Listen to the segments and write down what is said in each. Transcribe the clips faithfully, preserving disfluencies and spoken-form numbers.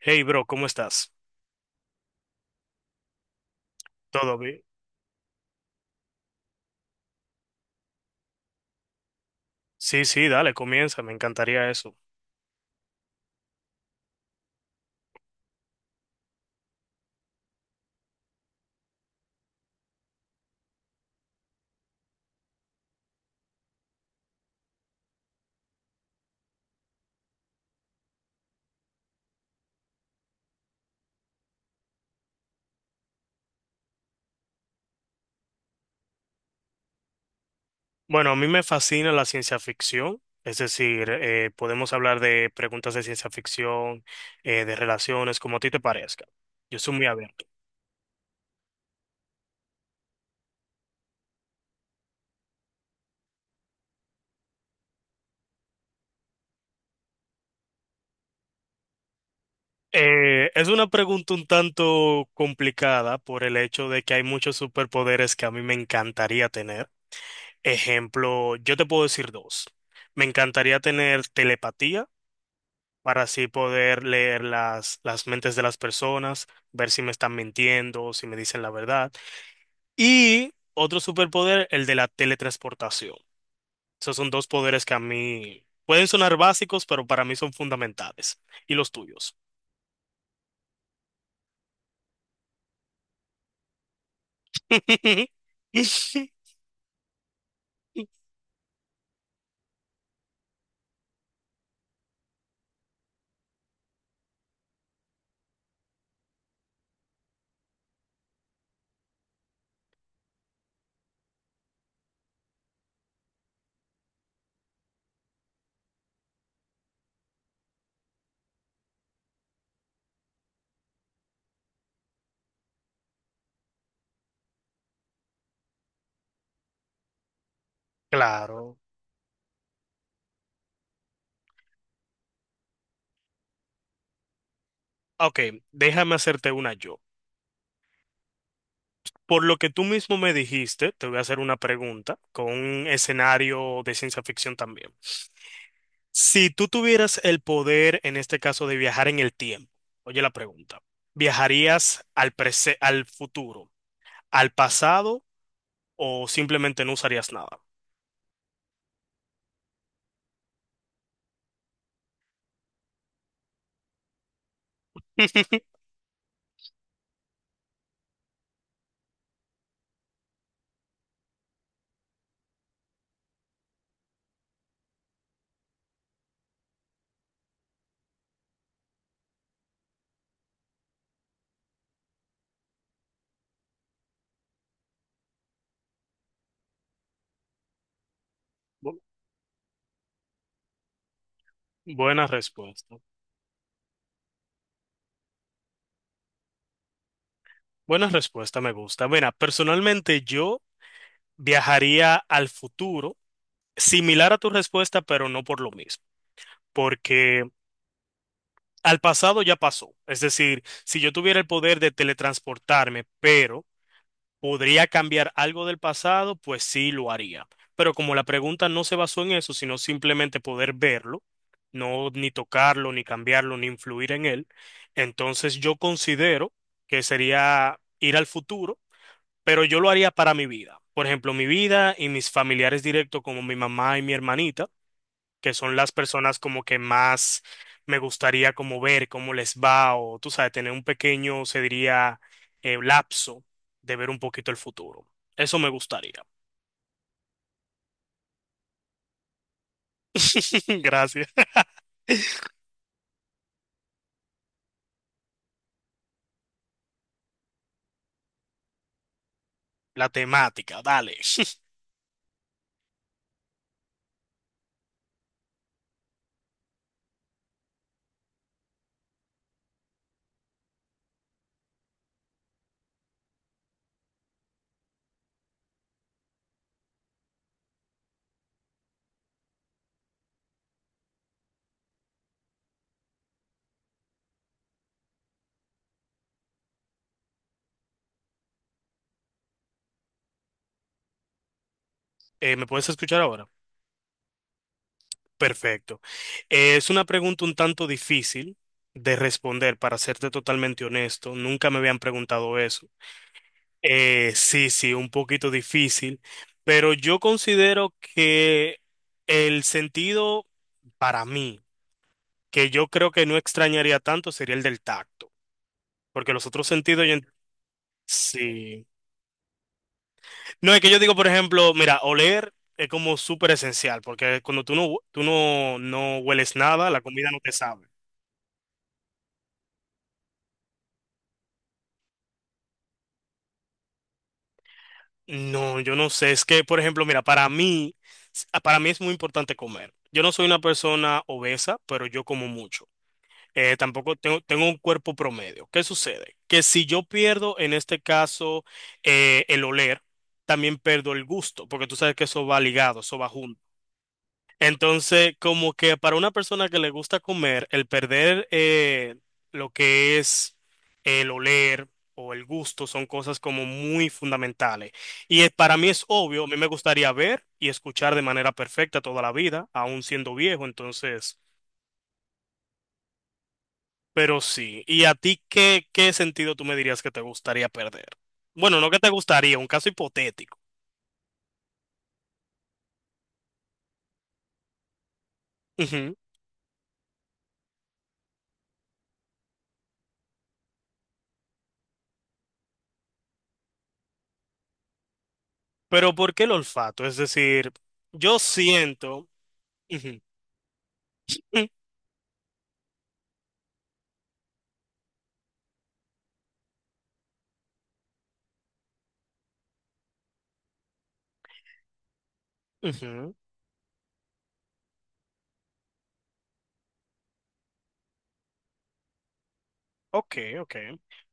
Hey, bro, ¿cómo estás? ¿Todo bien? Sí, sí, dale, comienza, me encantaría eso. Bueno, a mí me fascina la ciencia ficción, es decir, eh, podemos hablar de preguntas de ciencia ficción, eh, de relaciones, como a ti te parezca. Yo soy muy abierto. Eh, es una pregunta un tanto complicada por el hecho de que hay muchos superpoderes que a mí me encantaría tener. Ejemplo, yo te puedo decir dos. Me encantaría tener telepatía para así poder leer las, las mentes de las personas, ver si me están mintiendo o si me dicen la verdad. Y otro superpoder, el de la teletransportación. Esos son dos poderes que a mí pueden sonar básicos, pero para mí son fundamentales. ¿Y los tuyos? Claro. Ok, déjame hacerte una yo. Por lo que tú mismo me dijiste, te voy a hacer una pregunta con un escenario de ciencia ficción también. Si tú tuvieras el poder, en este caso, de viajar en el tiempo, oye la pregunta, ¿viajarías al prese- al futuro, al pasado o simplemente no usarías nada? Bu- Buena respuesta. Buena respuesta, me gusta. Mira, personalmente yo viajaría al futuro, similar a tu respuesta, pero no por lo mismo, porque al pasado ya pasó. Es decir, si yo tuviera el poder de teletransportarme, pero ¿podría cambiar algo del pasado? Pues sí, lo haría. Pero como la pregunta no se basó en eso, sino simplemente poder verlo, no ni tocarlo, ni cambiarlo, ni influir en él, entonces yo considero que sería ir al futuro, pero yo lo haría para mi vida. Por ejemplo, mi vida y mis familiares directos como mi mamá y mi hermanita que son las personas como que más me gustaría como ver cómo les va o tú sabes, tener un pequeño, se diría, eh, lapso de ver un poquito el futuro. Eso me gustaría. Gracias. La temática, dale. Eh, ¿me puedes escuchar ahora? Perfecto. Eh, es una pregunta un tanto difícil de responder, para serte totalmente honesto. Nunca me habían preguntado eso. Eh, sí, sí, un poquito difícil, pero yo considero que el sentido para mí, que yo creo que no extrañaría tanto, sería el del tacto, porque los otros sentidos, yo en- sí. No, es que yo digo, por ejemplo, mira, oler es como súper esencial, porque cuando tú no, hu- tú no, no hueles nada, la comida no te sabe. No, yo no sé, es que, por ejemplo, mira, para mí, s- ah, para mí es muy importante comer. Yo no soy una persona obesa, pero yo como mucho. Eh, tampoco tengo, tengo un cuerpo promedio. ¿Qué sucede? Que si yo pierdo, en este caso, eh, el oler, también pierdo el gusto, porque tú sabes que eso va ligado, eso va junto. Entonces, como que para una persona que le gusta comer, el perder eh, lo que es el oler o el gusto son cosas como muy fundamentales. Y eh, para mí es obvio, a mí me gustaría ver y escuchar de manera perfecta toda la vida, aún siendo viejo, entonces... Pero sí, ¿y a ti qué, qué sentido tú me dirías que te gustaría perder? Bueno, no que te gustaría, un caso hipotético. Ujú. Pero ¿por qué el olfato? Es decir, yo siento... Ujú, mm, ujú. Ok, ok.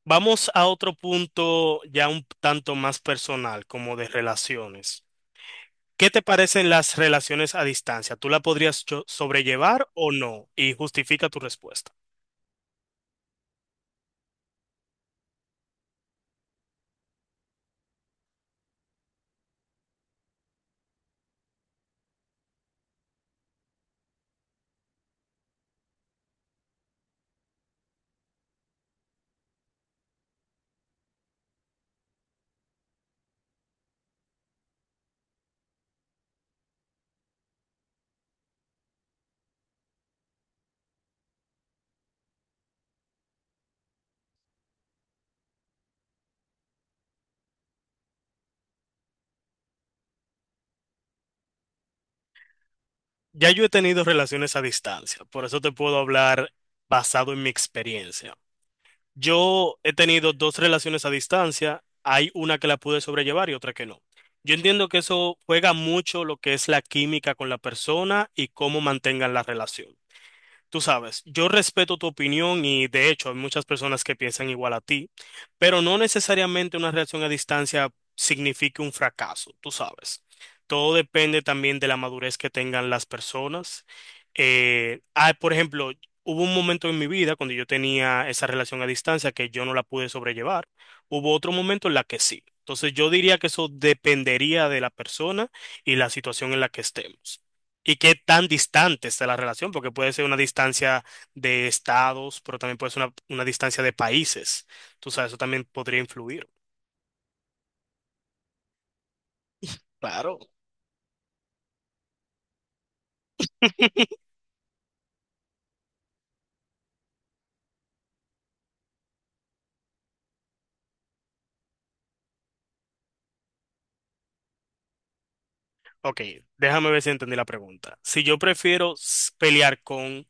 Vamos a otro punto ya un tanto más personal, como de relaciones. ¿Qué te parecen las relaciones a distancia? ¿Tú la podrías cho- sobrellevar o no? Y justifica tu respuesta. Ya yo he tenido relaciones a distancia, por eso te puedo hablar basado en mi experiencia. Yo he tenido dos relaciones a distancia, hay una que la pude sobrellevar y otra que no. Yo entiendo que eso juega mucho lo que es la química con la persona y cómo mantengan la relación. Tú sabes, yo respeto tu opinión y de hecho hay muchas personas que piensan igual a ti, pero no necesariamente una relación a distancia signifique un fracaso, tú sabes. Todo depende también de la madurez que tengan las personas. Eh, ah, por ejemplo, hubo un momento en mi vida cuando yo tenía esa relación a distancia que yo no la pude sobrellevar. Hubo otro momento en la que sí. Entonces yo diría que eso dependería de la persona y la situación en la que estemos y qué tan distante está la relación, porque puede ser una distancia de estados, pero también puede ser una, una distancia de países. Tú sabes, eso también podría influir. Claro. Ok, déjame ver si entendí la pregunta. Si yo prefiero s- pelear con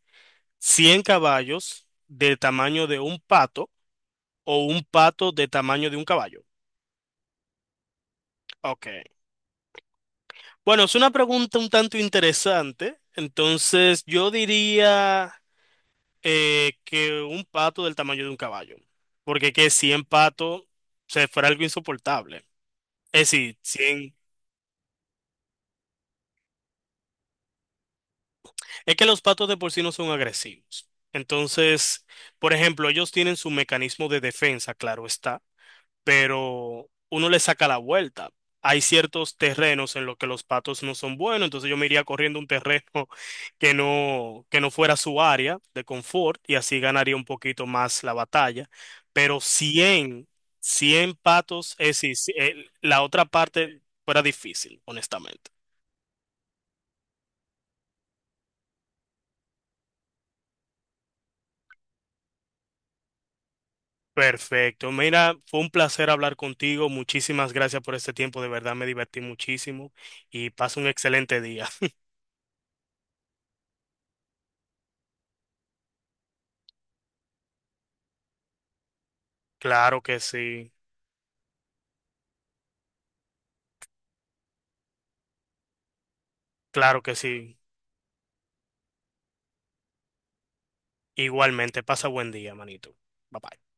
cien caballos del tamaño de un pato o un pato de tamaño de un caballo. Ok. Bueno, es una pregunta un tanto interesante. Entonces, yo diría... eh, que un pato del tamaño de un caballo. Porque que cien patos, o sea, fuera algo insoportable. Es decir, cien... Es que los patos de por sí no son agresivos. Entonces, por ejemplo, ellos tienen su mecanismo de defensa, claro está. Pero uno le saca la vuelta. Hay ciertos terrenos en los que los patos no son buenos, entonces yo me iría corriendo un terreno que no, que no fuera su área de confort y así ganaría un poquito más la batalla. Pero cien cien patos, es, decir, si- eh, la otra parte fuera difícil, honestamente. Perfecto. Mira, fue un placer hablar contigo. Muchísimas gracias por este tiempo. De verdad me divertí muchísimo y pasa un excelente día. Claro que sí, claro que sí. Igualmente, pasa buen día, manito. Bye bye.